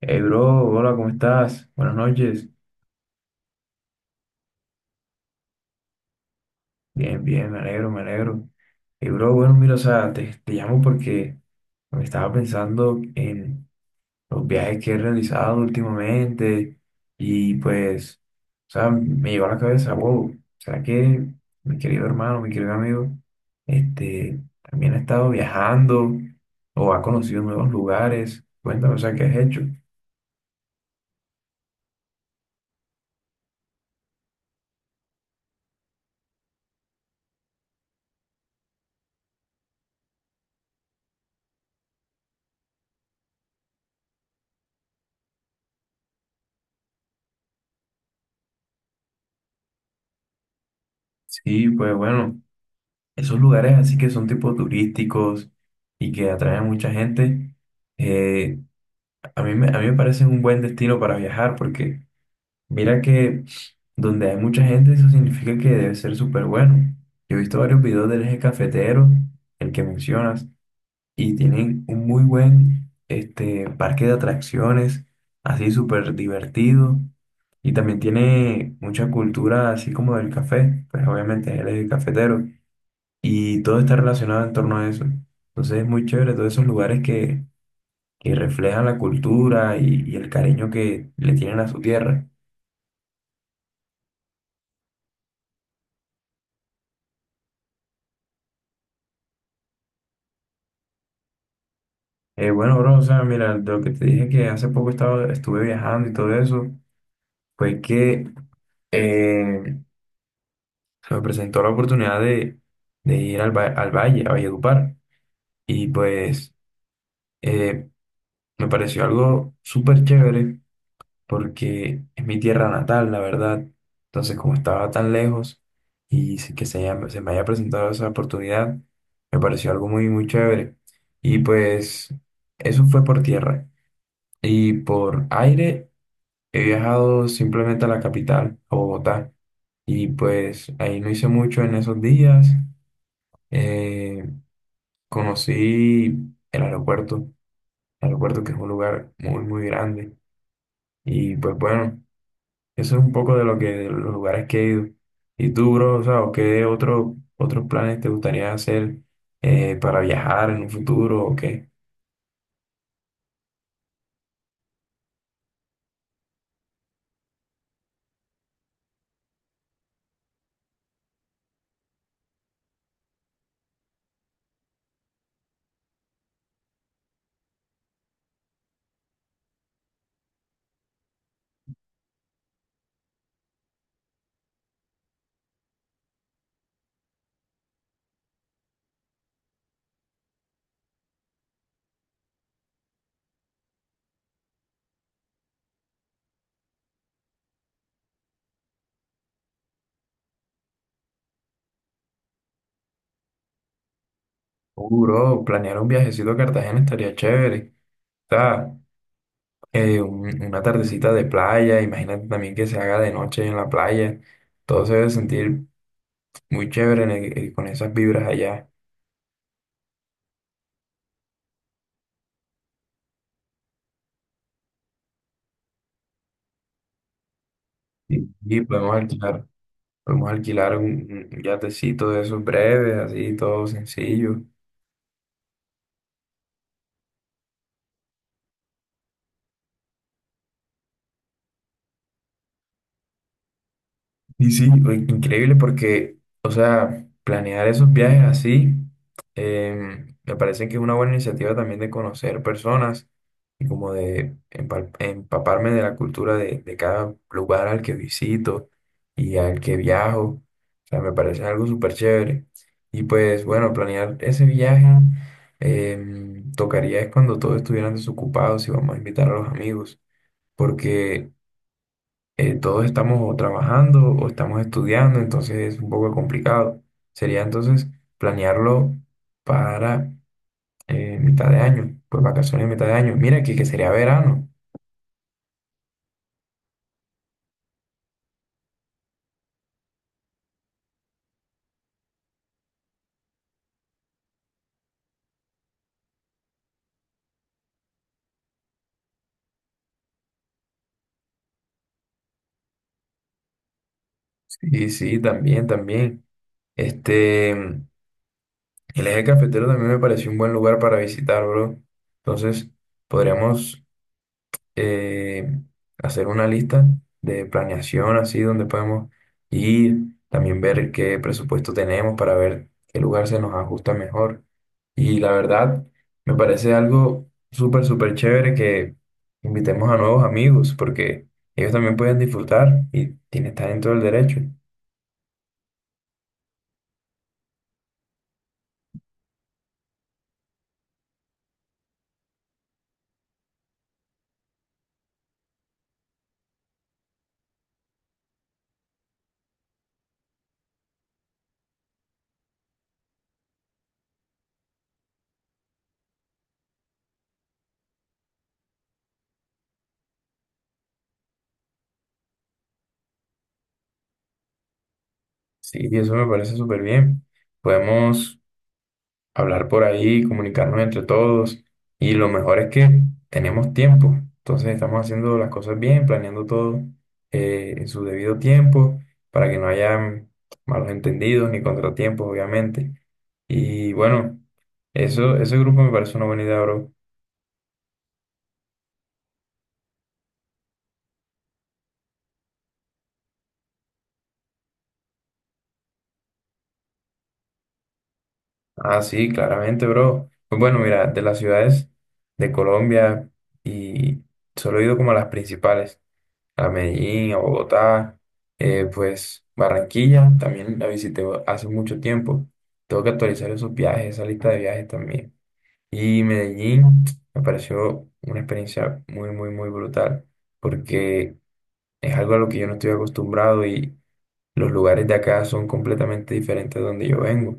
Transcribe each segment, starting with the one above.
Hey bro, hola, ¿cómo estás? Buenas noches. Bien, bien, me alegro, me alegro. Hey bro, bueno, mira, o sea, te llamo porque me estaba pensando en los viajes que he realizado últimamente y pues, o sea, me llegó a la cabeza, wow, ¿será que mi querido hermano, mi querido amigo, este, también ha estado viajando o ha conocido nuevos lugares? Cuéntame, o sea, ¿qué has hecho? Sí, pues bueno, esos lugares así que son tipo turísticos y que atraen mucha gente, eh, a mí me parecen un buen destino para viajar porque mira que donde hay mucha gente eso significa que debe ser súper bueno. Yo he visto varios videos del eje cafetero, el que mencionas, y tienen un muy buen este, parque de atracciones, así súper divertido. Y también tiene mucha cultura así como del café, pues obviamente es el eje cafetero y todo está relacionado en torno a eso. Entonces es muy chévere todos esos lugares que reflejan la cultura y el cariño que le tienen a su tierra. Bueno, bro, o sea, mira, de lo que te dije que estuve viajando y todo eso, fue que eh, se me presentó la oportunidad de ir al, al valle, a Valledupar, y pues eh, me pareció algo súper chévere porque es mi tierra natal, la verdad. Entonces, como estaba tan lejos y se me haya presentado esa oportunidad, me pareció algo muy, muy chévere. Y pues eso fue por tierra. Y por aire he viajado simplemente a la capital, a Bogotá. Y pues ahí no hice mucho en esos días. Eh, conocí el aeropuerto, el aeropuerto que es un lugar muy, muy grande. Y pues bueno, eso es un poco de lo que de los lugares que he ido. ¿Y tú, bro, o sea, o qué otros planes te gustaría hacer para viajar en un futuro o qué? Bro, planear un viajecito a Cartagena estaría chévere. O sea, una tardecita de playa, imagínate también que se haga de noche en la playa. Todo se debe sentir muy chévere en con esas vibras allá. Y podemos alquilar un yatecito de esos breves, así, todo sencillo. Y sí, increíble porque, o sea, planear esos viajes así, me parece que es una buena iniciativa también de conocer personas y como de empaparme de la cultura de cada lugar al que visito y al que viajo. O sea, me parece algo súper chévere. Y pues bueno, planear ese viaje tocaría es cuando todos estuvieran desocupados y vamos a invitar a los amigos. Porque todos estamos o trabajando o estamos estudiando, entonces es un poco complicado. Sería entonces planearlo para mitad de año, pues vacaciones mitad de año. Mira que sería verano. Sí, sí, también, también. Este, el eje cafetero también me pareció un buen lugar para visitar, bro. Entonces, podríamos eh, hacer una lista de planeación así donde podemos ir, también ver qué presupuesto tenemos para ver qué lugar se nos ajusta mejor. Y la verdad, me parece algo súper, súper chévere que invitemos a nuevos amigos porque ellos también pueden disfrutar y tienen, estar en todo el derecho. Sí, y eso me parece súper bien. Podemos hablar por ahí, comunicarnos entre todos y lo mejor es que tenemos tiempo. Entonces estamos haciendo las cosas bien, planeando todo en su debido tiempo para que no haya malos entendidos ni contratiempos, obviamente. Y bueno, eso, ese grupo me parece una buena idea, bro. Ah, sí, claramente, bro. Pues bueno, mira, de las ciudades de Colombia y solo he ido como a las principales: a Medellín, a Bogotá, pues Barranquilla también la visité hace mucho tiempo. Tengo que actualizar esos viajes, esa lista de viajes también. Y Medellín me pareció una experiencia muy, muy, muy brutal porque es algo a lo que yo no estoy acostumbrado y los lugares de acá son completamente diferentes de donde yo vengo.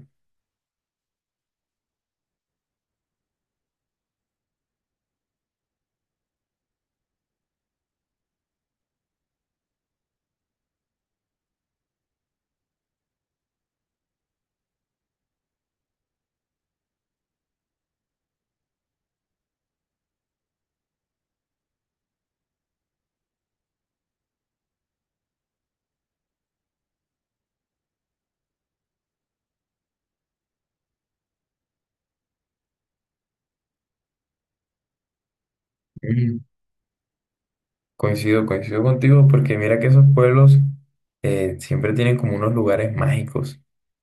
Coincido contigo porque mira que esos pueblos siempre tienen como unos lugares mágicos.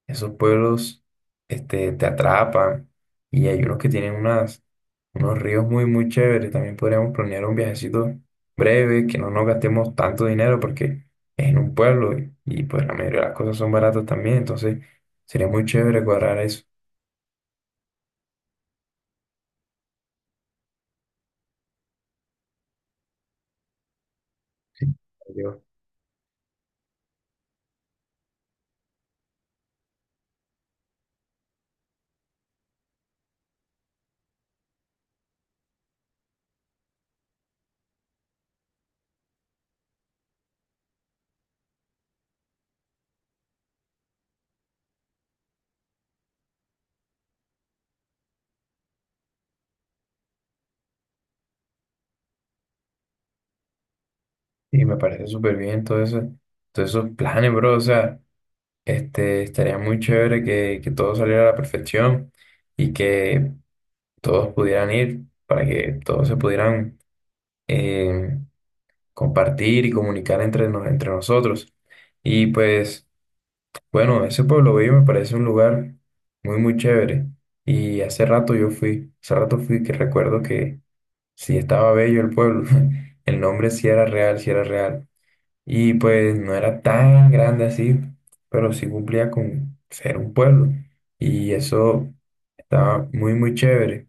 Esos pueblos este, te atrapan y hay unos que tienen unos ríos muy, muy chéveres. También podríamos planear un viajecito breve, que no nos gastemos tanto dinero porque es en un pueblo pues la mayoría de las cosas son baratas también. Entonces sería muy chévere cuadrar eso. Yo- Y me parece súper bien todo eso, todos esos planes, bro. O sea, este, estaría muy chévere que todo saliera a la perfección y que todos pudieran ir para que todos se pudieran eh, compartir y comunicar entre nosotros. Y pues, bueno, ese Pueblo Bello me parece un lugar muy, muy chévere. Y hace rato fui que recuerdo que sí estaba bello el pueblo. El nombre sí era real, sí era real. Y pues no era tan grande así, pero sí cumplía con ser un pueblo. Y eso estaba muy, muy chévere.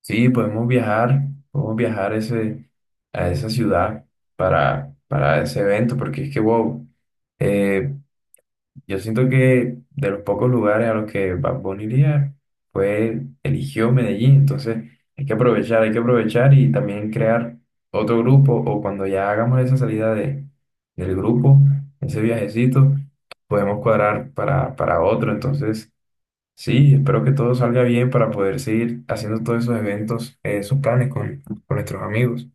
Sí, podemos viajar a a esa ciudad para ese evento, porque es que, wow. eh, yo siento que de los pocos lugares a los que Bad Bunny iría, pues eligió Medellín. Entonces hay que aprovechar y también crear otro grupo o cuando ya hagamos esa salida de, del grupo, ese viajecito, podemos cuadrar para otro. Entonces, sí, espero que todo salga bien para poder seguir haciendo todos esos eventos, esos planes con nuestros amigos.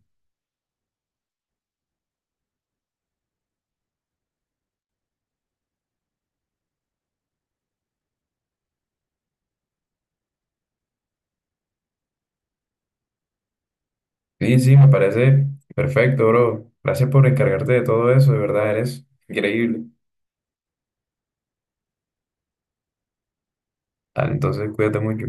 Sí, sí, me parece perfecto, bro. Gracias por encargarte de todo eso, de verdad, eres increíble. Dale, entonces cuídate mucho.